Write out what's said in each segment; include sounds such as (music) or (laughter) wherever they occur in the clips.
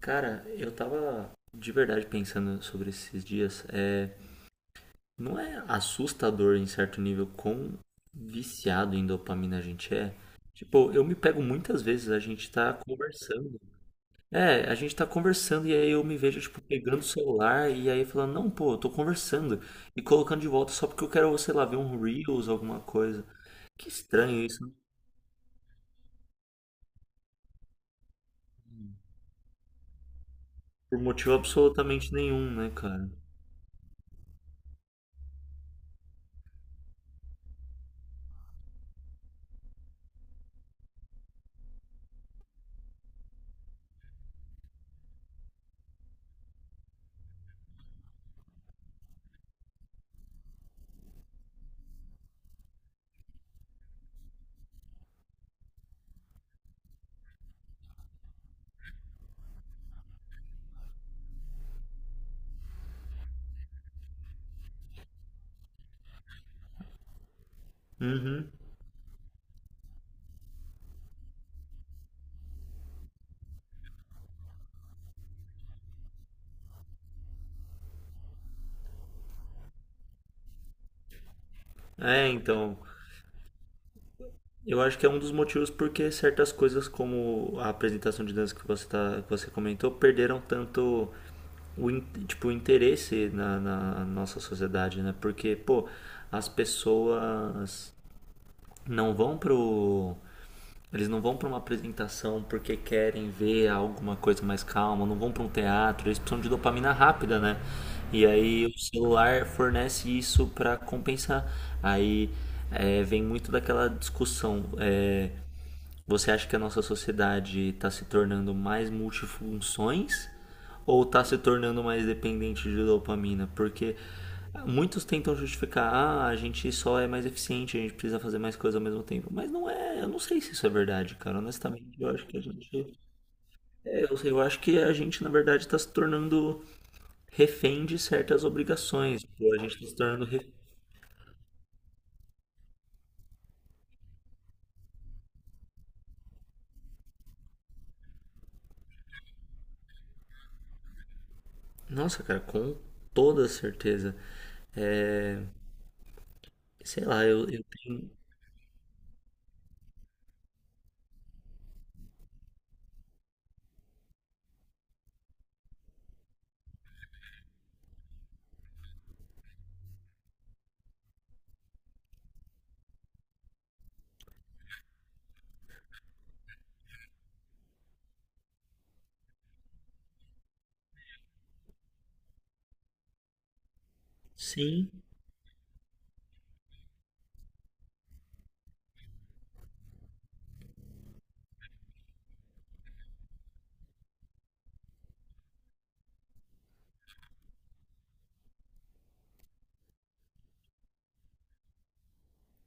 Cara, eu tava de verdade pensando sobre esses dias. É, não é assustador em certo nível quão viciado em dopamina a gente é? Tipo, eu me pego muitas vezes, a gente tá conversando. É, a gente tá conversando e aí eu me vejo, tipo, pegando o celular e aí falando, não, pô, eu tô conversando. E colocando de volta só porque eu quero, sei lá, ver um Reels, alguma coisa. Que estranho isso, né? Por motivo absolutamente nenhum, né, cara? Uhum. É, então. Eu acho que é um dos motivos porque certas coisas como a apresentação de dança tá, que você comentou perderam tanto o, in- tipo, o interesse na nossa sociedade, né? Porque, pô, as pessoas não vão pro... Eles não vão para uma apresentação porque querem ver alguma coisa mais calma, não vão para um teatro, eles precisam de dopamina rápida, né? E aí o celular fornece isso para compensar. Aí vem muito daquela discussão. Você acha que a nossa sociedade está se tornando mais multifunções ou está se tornando mais dependente de dopamina? Porque muitos tentam justificar, ah, a gente só é mais eficiente, a gente precisa fazer mais coisas ao mesmo tempo. Mas não é, eu não sei se isso é verdade, cara. Honestamente, eu acho que a gente, é, eu, sei, eu acho que a gente na verdade está se tornando refém de certas obrigações. Tipo, a gente está se tornando, re-. Nossa, cara, com toda certeza. É, sei lá, eu tenho, sim.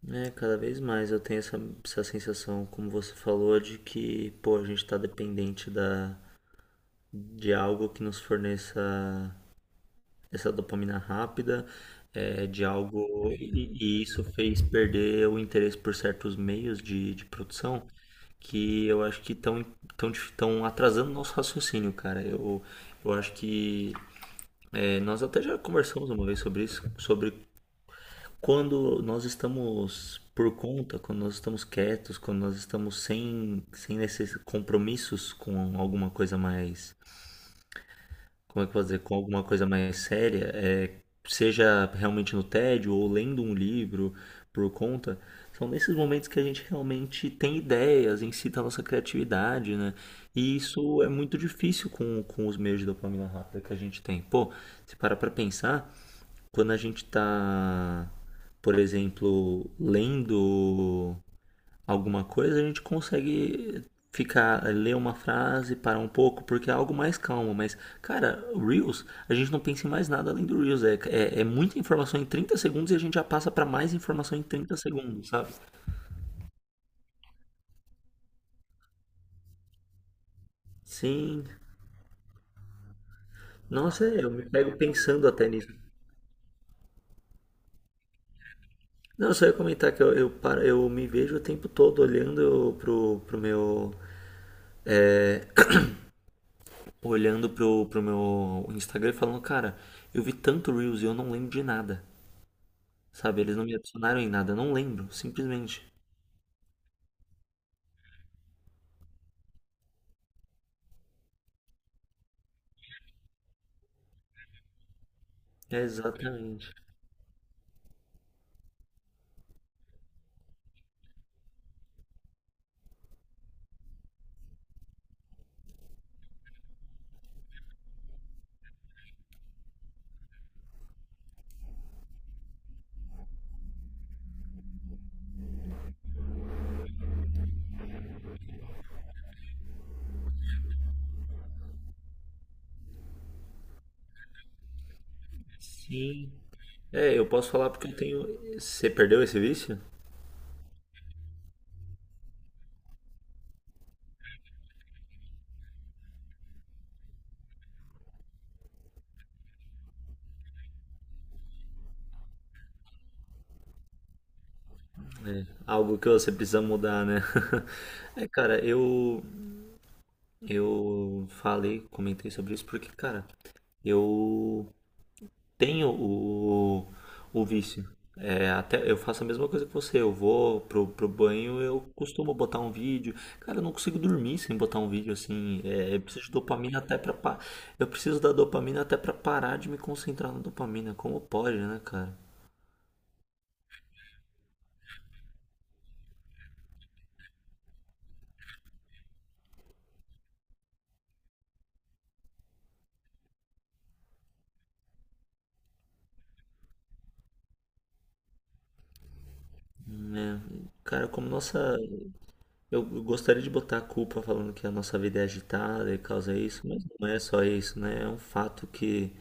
É, cada vez mais eu tenho essa sensação, como você falou, de que, pô, a gente tá dependente de algo que nos forneça essa dopamina rápida, de algo. E isso fez perder o interesse por certos meios de produção que eu acho que estão tão atrasando o nosso raciocínio, cara. Eu acho que. Nós até já conversamos uma vez sobre isso, sobre quando nós estamos por conta, quando nós estamos quietos, quando nós estamos sem esses compromissos com alguma coisa mais, como é que eu vou dizer, com alguma coisa mais séria, seja realmente no tédio ou lendo um livro por conta, são nesses momentos que a gente realmente tem ideias, incita a nossa criatividade, né? E isso é muito difícil com os meios de dopamina rápida que a gente tem. Pô, se parar pra pensar, quando a gente está, por exemplo, lendo alguma coisa, a gente consegue ficar, ler uma frase, parar um pouco, porque é algo mais calmo. Mas, cara, Reels, a gente não pensa em mais nada além do Reels. É muita informação em 30 segundos e a gente já passa para mais informação em 30 segundos, sabe? Sim. Nossa, é, eu me pego pensando até nisso. Não, eu só ia comentar que eu me vejo o tempo todo é, olhando pro meu Instagram e falando, cara, eu vi tanto Reels e eu não lembro de nada. Sabe? Eles não me adicionaram em nada, eu não lembro, simplesmente. É exatamente. Sim. É, eu posso falar porque eu tenho. Você perdeu esse vício? Algo que você precisa mudar, né? (laughs) É, cara, eu falei, comentei sobre isso porque, cara, eu tenho o vício. É, até eu faço a mesma coisa que você. Eu vou pro banho, eu costumo botar um vídeo. Cara, eu não consigo dormir sem botar um vídeo assim. É, eu preciso de dopamina até pra. Eu preciso da dopamina até pra parar de me concentrar na dopamina. Como pode, né, cara? Né? Cara, como nossa. Eu gostaria de botar a culpa falando que a nossa vida é agitada e causa isso, mas não é só isso, né? É um fato que.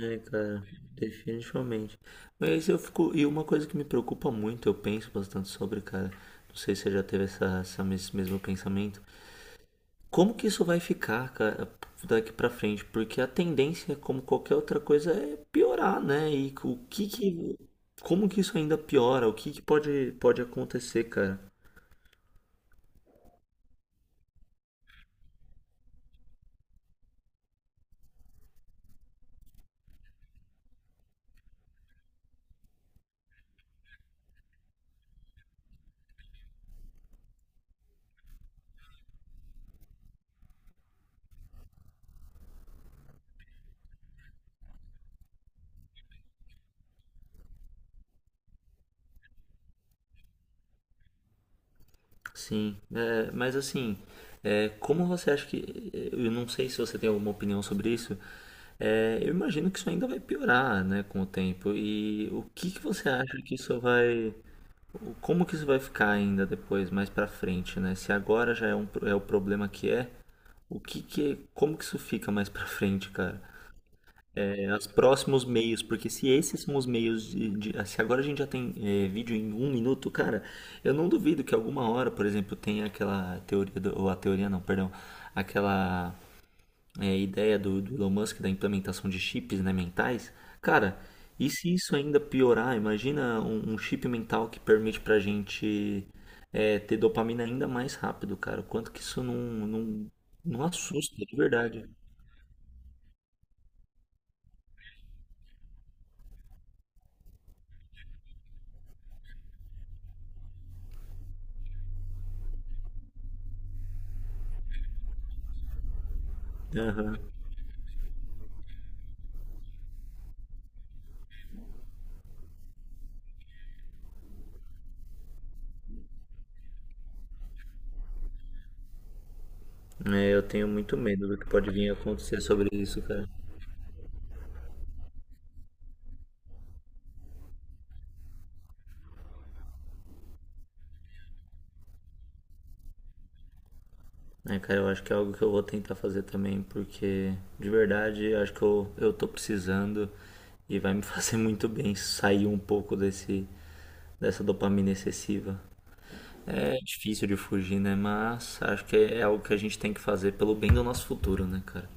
É, cara, definitivamente. Mas eu fico. E uma coisa que me preocupa muito, eu penso bastante sobre, cara. Não sei se você já teve esse mesmo pensamento. Como que isso vai ficar, cara, daqui pra frente? Porque a tendência, como qualquer outra coisa, é piorar, né? E o que que. Como que isso ainda piora? O que que pode acontecer, cara? Sim, mas assim, como você acha que. Eu não sei se você tem alguma opinião sobre isso. Eu imagino que isso ainda vai piorar, né, com o tempo. E o que que você acha que isso vai. Como que isso vai ficar ainda depois, mais pra frente, né? Se agora já é o problema que é, o que que. Como que isso fica mais pra frente, cara? É, os próximos meios, porque se esses são os meios se agora a gente já tem vídeo em um minuto, cara, eu não duvido que alguma hora, por exemplo, tenha aquela teoria do, ou a teoria não, perdão, aquela ideia do Elon Musk da implementação de chips, né, mentais, cara, e se isso ainda piorar, imagina um chip mental que permite pra gente ter dopamina ainda mais rápido, cara, o quanto que isso não assusta, de verdade. Aham. É, eu tenho muito medo do que pode vir a acontecer sobre isso, cara. É, cara, eu acho que é algo que eu vou tentar fazer também, porque de verdade eu acho que eu tô precisando e vai me (laughs) fazer muito bem sair um pouco dessa dopamina excessiva. É difícil de fugir, né? Mas acho que é algo que a gente tem que fazer pelo bem do nosso futuro, né, cara?